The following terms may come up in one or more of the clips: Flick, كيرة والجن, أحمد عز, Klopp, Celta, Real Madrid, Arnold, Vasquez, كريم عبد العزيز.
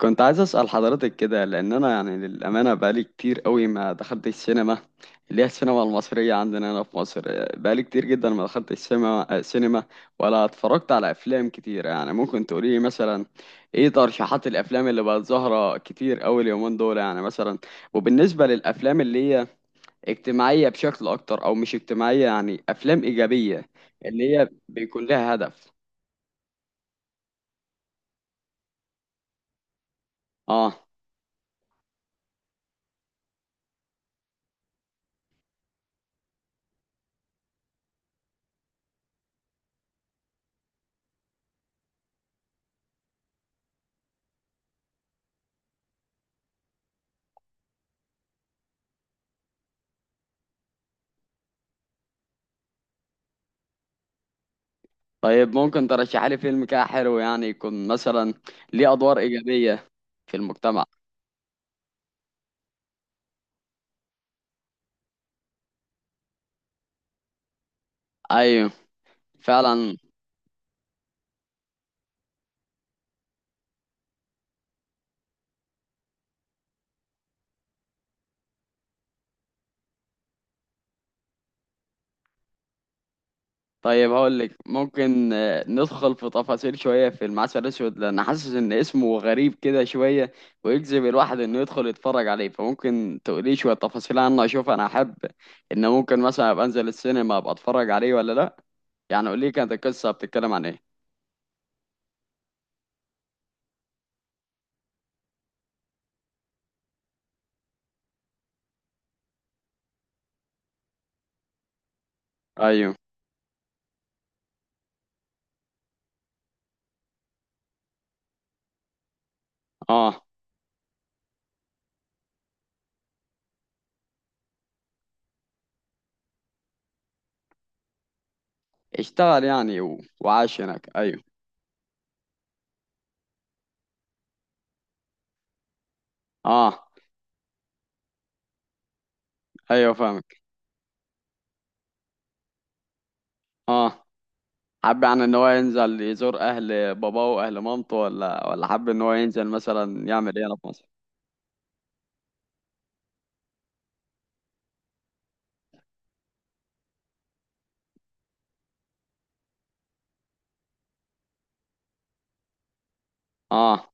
كنت عايز أسأل حضرتك كده، لأن أنا يعني للأمانة بقالي كتير قوي ما دخلت السينما اللي هي السينما المصرية عندنا هنا في مصر. بقالي كتير جدا ما دخلت السينما ولا اتفرجت على أفلام كتير. يعني ممكن تقولي مثلا إيه ترشيحات الأفلام اللي بقت ظاهرة كتير قوي اليومين دول؟ يعني مثلا وبالنسبة للأفلام اللي هي اجتماعية بشكل أكتر أو مش اجتماعية، يعني أفلام إيجابية اللي هي بيكون لها هدف. آه طيب ممكن ترشح لي فيلم كده حلو، يعني يكون مثلا ليه ادوار ايجابيه في المجتمع. ايوه فعلا. طيب هقول لك، ممكن ندخل في تفاصيل شويه في المعسل الاسود، لان حاسس ان اسمه غريب كده شويه ويجذب الواحد انه يدخل يتفرج عليه. فممكن تقولي شويه تفاصيل عنه، اشوف انا احب ان ممكن مثلا ابقى انزل السينما ابقى اتفرج عليه ولا لا. يعني قولي كانت القصه بتتكلم عن ايه. ايوه. اه اشتغل يعني و... وعاش هناك، ايوه. اه. ايوه فاهم. اه حب يعني ان هو ينزل يزور اهل باباه واهل مامته، ولا حب ان هو ينزل مثلا يعمل ايه هنا في مصر. اه.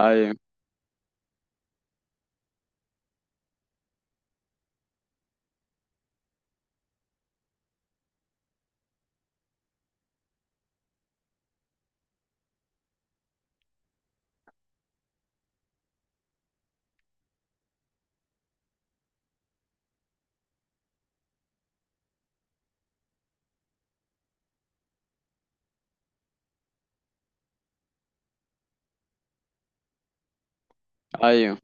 ايوه ايوه.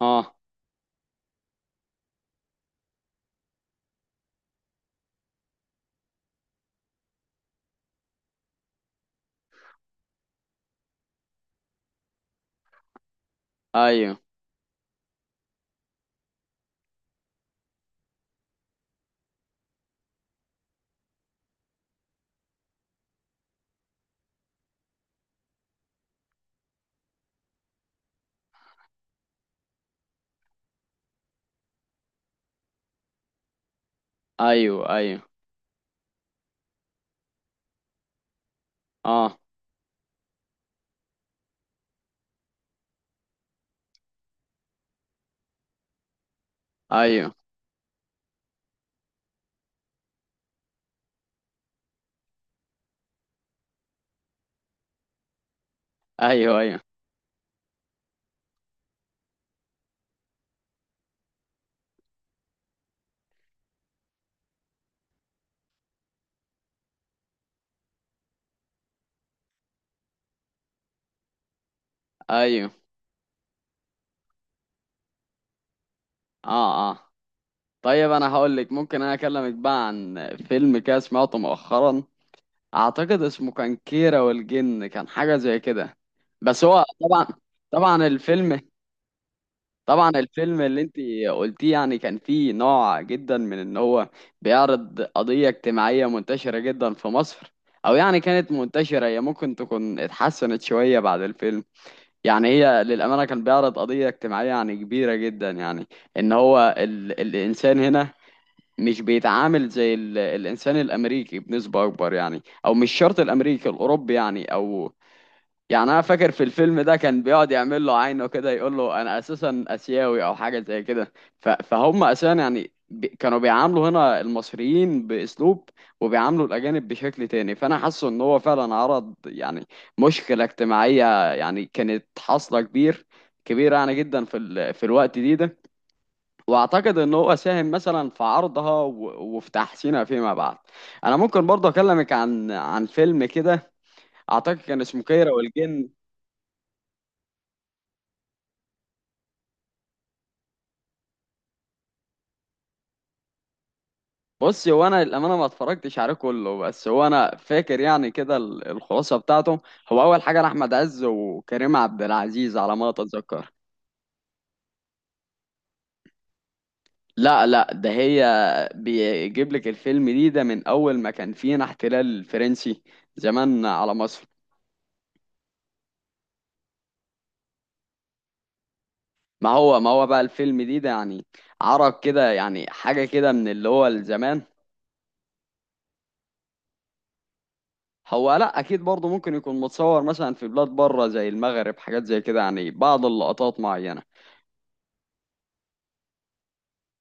اه. ايوه ايوه ايوه. اه. ايوه ايوه ايوه ايوه. اه. اه طيب انا هقول لك، ممكن انا اكلمك بقى عن فيلم كده سمعته مؤخرا. اعتقد اسمه كان كيرة والجن، كان حاجة زي كده. بس هو طبعا. طبعا الفيلم طبعا الفيلم اللي انت قلتيه يعني كان فيه نوع جدا من ان هو بيعرض قضية اجتماعية منتشرة جدا في مصر، او يعني كانت منتشرة، هي ممكن تكون اتحسنت شوية بعد الفيلم. يعني هي للأمانة كان بيعرض قضية اجتماعية يعني كبيرة جدا، يعني ان هو الانسان هنا مش بيتعامل زي الانسان الامريكي بنسبة اكبر، يعني او مش شرط الامريكي، الاوروبي يعني، او يعني انا فاكر في الفيلم ده كان بيقعد يعمل له عينه كده، يقول له انا اساسا اسيوي او حاجه زي كده. فهم اساسا يعني كانوا بيعاملوا هنا المصريين باسلوب، وبيعاملوا الاجانب بشكل تاني. فانا حاسه ان هو فعلا عرض يعني مشكله اجتماعيه يعني كانت حاصله كبيره يعني جدا في في الوقت ده. واعتقد ان هو ساهم مثلا في عرضها و... وفي تحسينها فيما بعد. انا ممكن برضه اكلمك عن فيلم كده، اعتقد كان اسمه كيرة والجن. بص هو انا للامانه ما اتفرجتش عليه كله، بس هو انا فاكر يعني كده الخلاصه بتاعته. هو اول حاجه احمد عز وكريم عبد العزيز على ما اتذكر. لا لا، ده هي بيجيب لك الفيلم ده من اول ما كان فينا احتلال فرنسي زمان على مصر. ما هو بقى الفيلم ده يعني عرق كده، يعني حاجه كده من اللي هو الزمان. هو لا اكيد برضه ممكن يكون متصور مثلا في بلاد بره زي المغرب، حاجات زي كده، يعني بعض اللقطات معينه.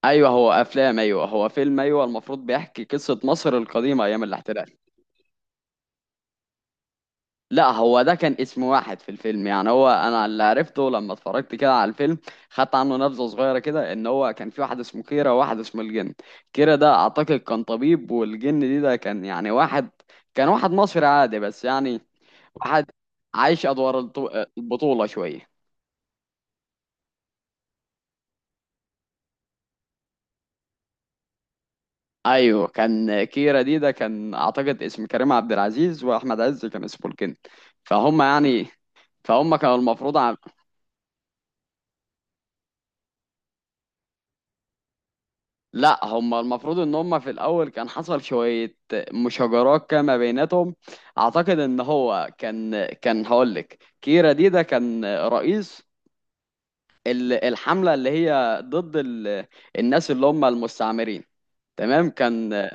ايوه هو افلام، ايوه هو فيلم، ايوه المفروض بيحكي قصه مصر القديمه ايام الاحتلال. لا هو ده كان اسم واحد في الفيلم، يعني هو انا اللي عرفته لما اتفرجت كده على الفيلم، خدت عنه نبذه صغيره كده، ان هو كان في واحد اسمه كيرة وواحد اسمه الجن. كيرة ده اعتقد كان طبيب، والجن ده كان يعني واحد، كان واحد مصري عادي بس يعني، واحد عايش ادوار البطوله شويه. ايوه كان كيرة ده كان اعتقد اسم كريم عبد العزيز، واحمد عز كان اسمه الجن. فهم يعني فهم كانوا المفروض عم... لا هم المفروض ان هم في الاول كان حصل شوية مشاجرات كده ما بيناتهم. اعتقد ان هو كان هقولك كيرا ده كان رئيس الحملة اللي هي ضد الناس اللي هم المستعمرين. تمام.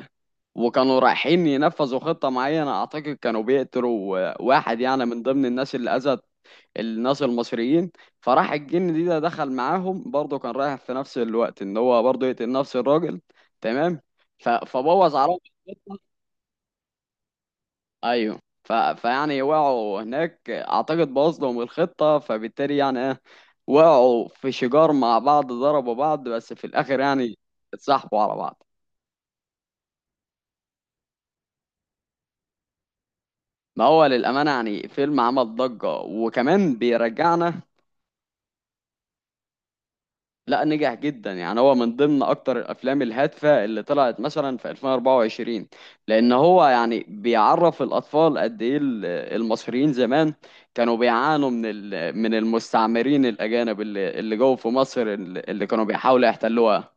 وكانوا رايحين ينفذوا خطة معينة، اعتقد كانوا بيقتلوا واحد يعني من ضمن الناس اللي اذت الناس المصريين. فراح الجن ده دخل معاهم، برضه كان رايح في نفس الوقت ان هو برضه يقتل نفس الراجل. تمام. فبوظ عليهم الخطة. ايوه. فيعني وقعوا هناك، اعتقد بوظ لهم الخطة، فبالتالي يعني ايه، وقعوا في شجار مع بعض، ضربوا بعض، بس في الاخر يعني اتصاحبوا على بعض. ما هو للأمانة يعني فيلم عمل ضجة وكمان بيرجعنا. لا نجح جدا، يعني هو من ضمن اكتر الافلام الهادفه اللي طلعت مثلا في 2024، لان هو يعني بيعرف الاطفال قد ايه المصريين زمان كانوا بيعانوا من من المستعمرين الاجانب اللي جوه في مصر، اللي كانوا بيحاولوا يحتلوها.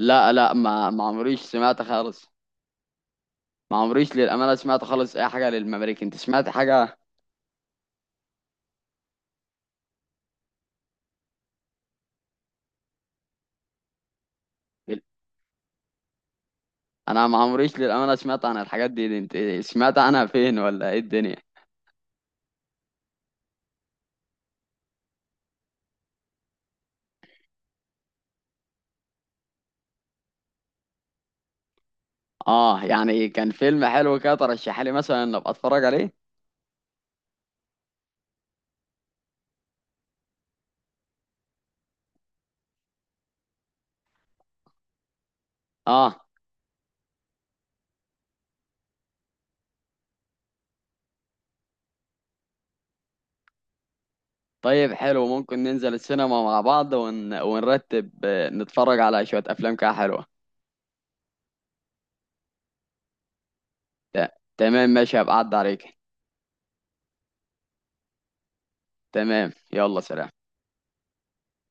لا لا، ما عمريش سمعت خالص. ما عمريش للامانه سمعت خالص اي حاجه للمماليك، انت سمعت حاجه؟ انا ما عمريش للامانه سمعت عن الحاجات دي، انت سمعت عنها فين ولا ايه الدنيا؟ اه يعني كان فيلم حلو كده، ترشح لي مثلا ان ابقى اتفرج عليه. اه طيب حلو، ممكن ننزل السينما مع بعض ونرتب، نتفرج على شوية افلام كده حلوة. ت... تمام ماشي، هبقى اعدي عليك. تمام يلا سلام.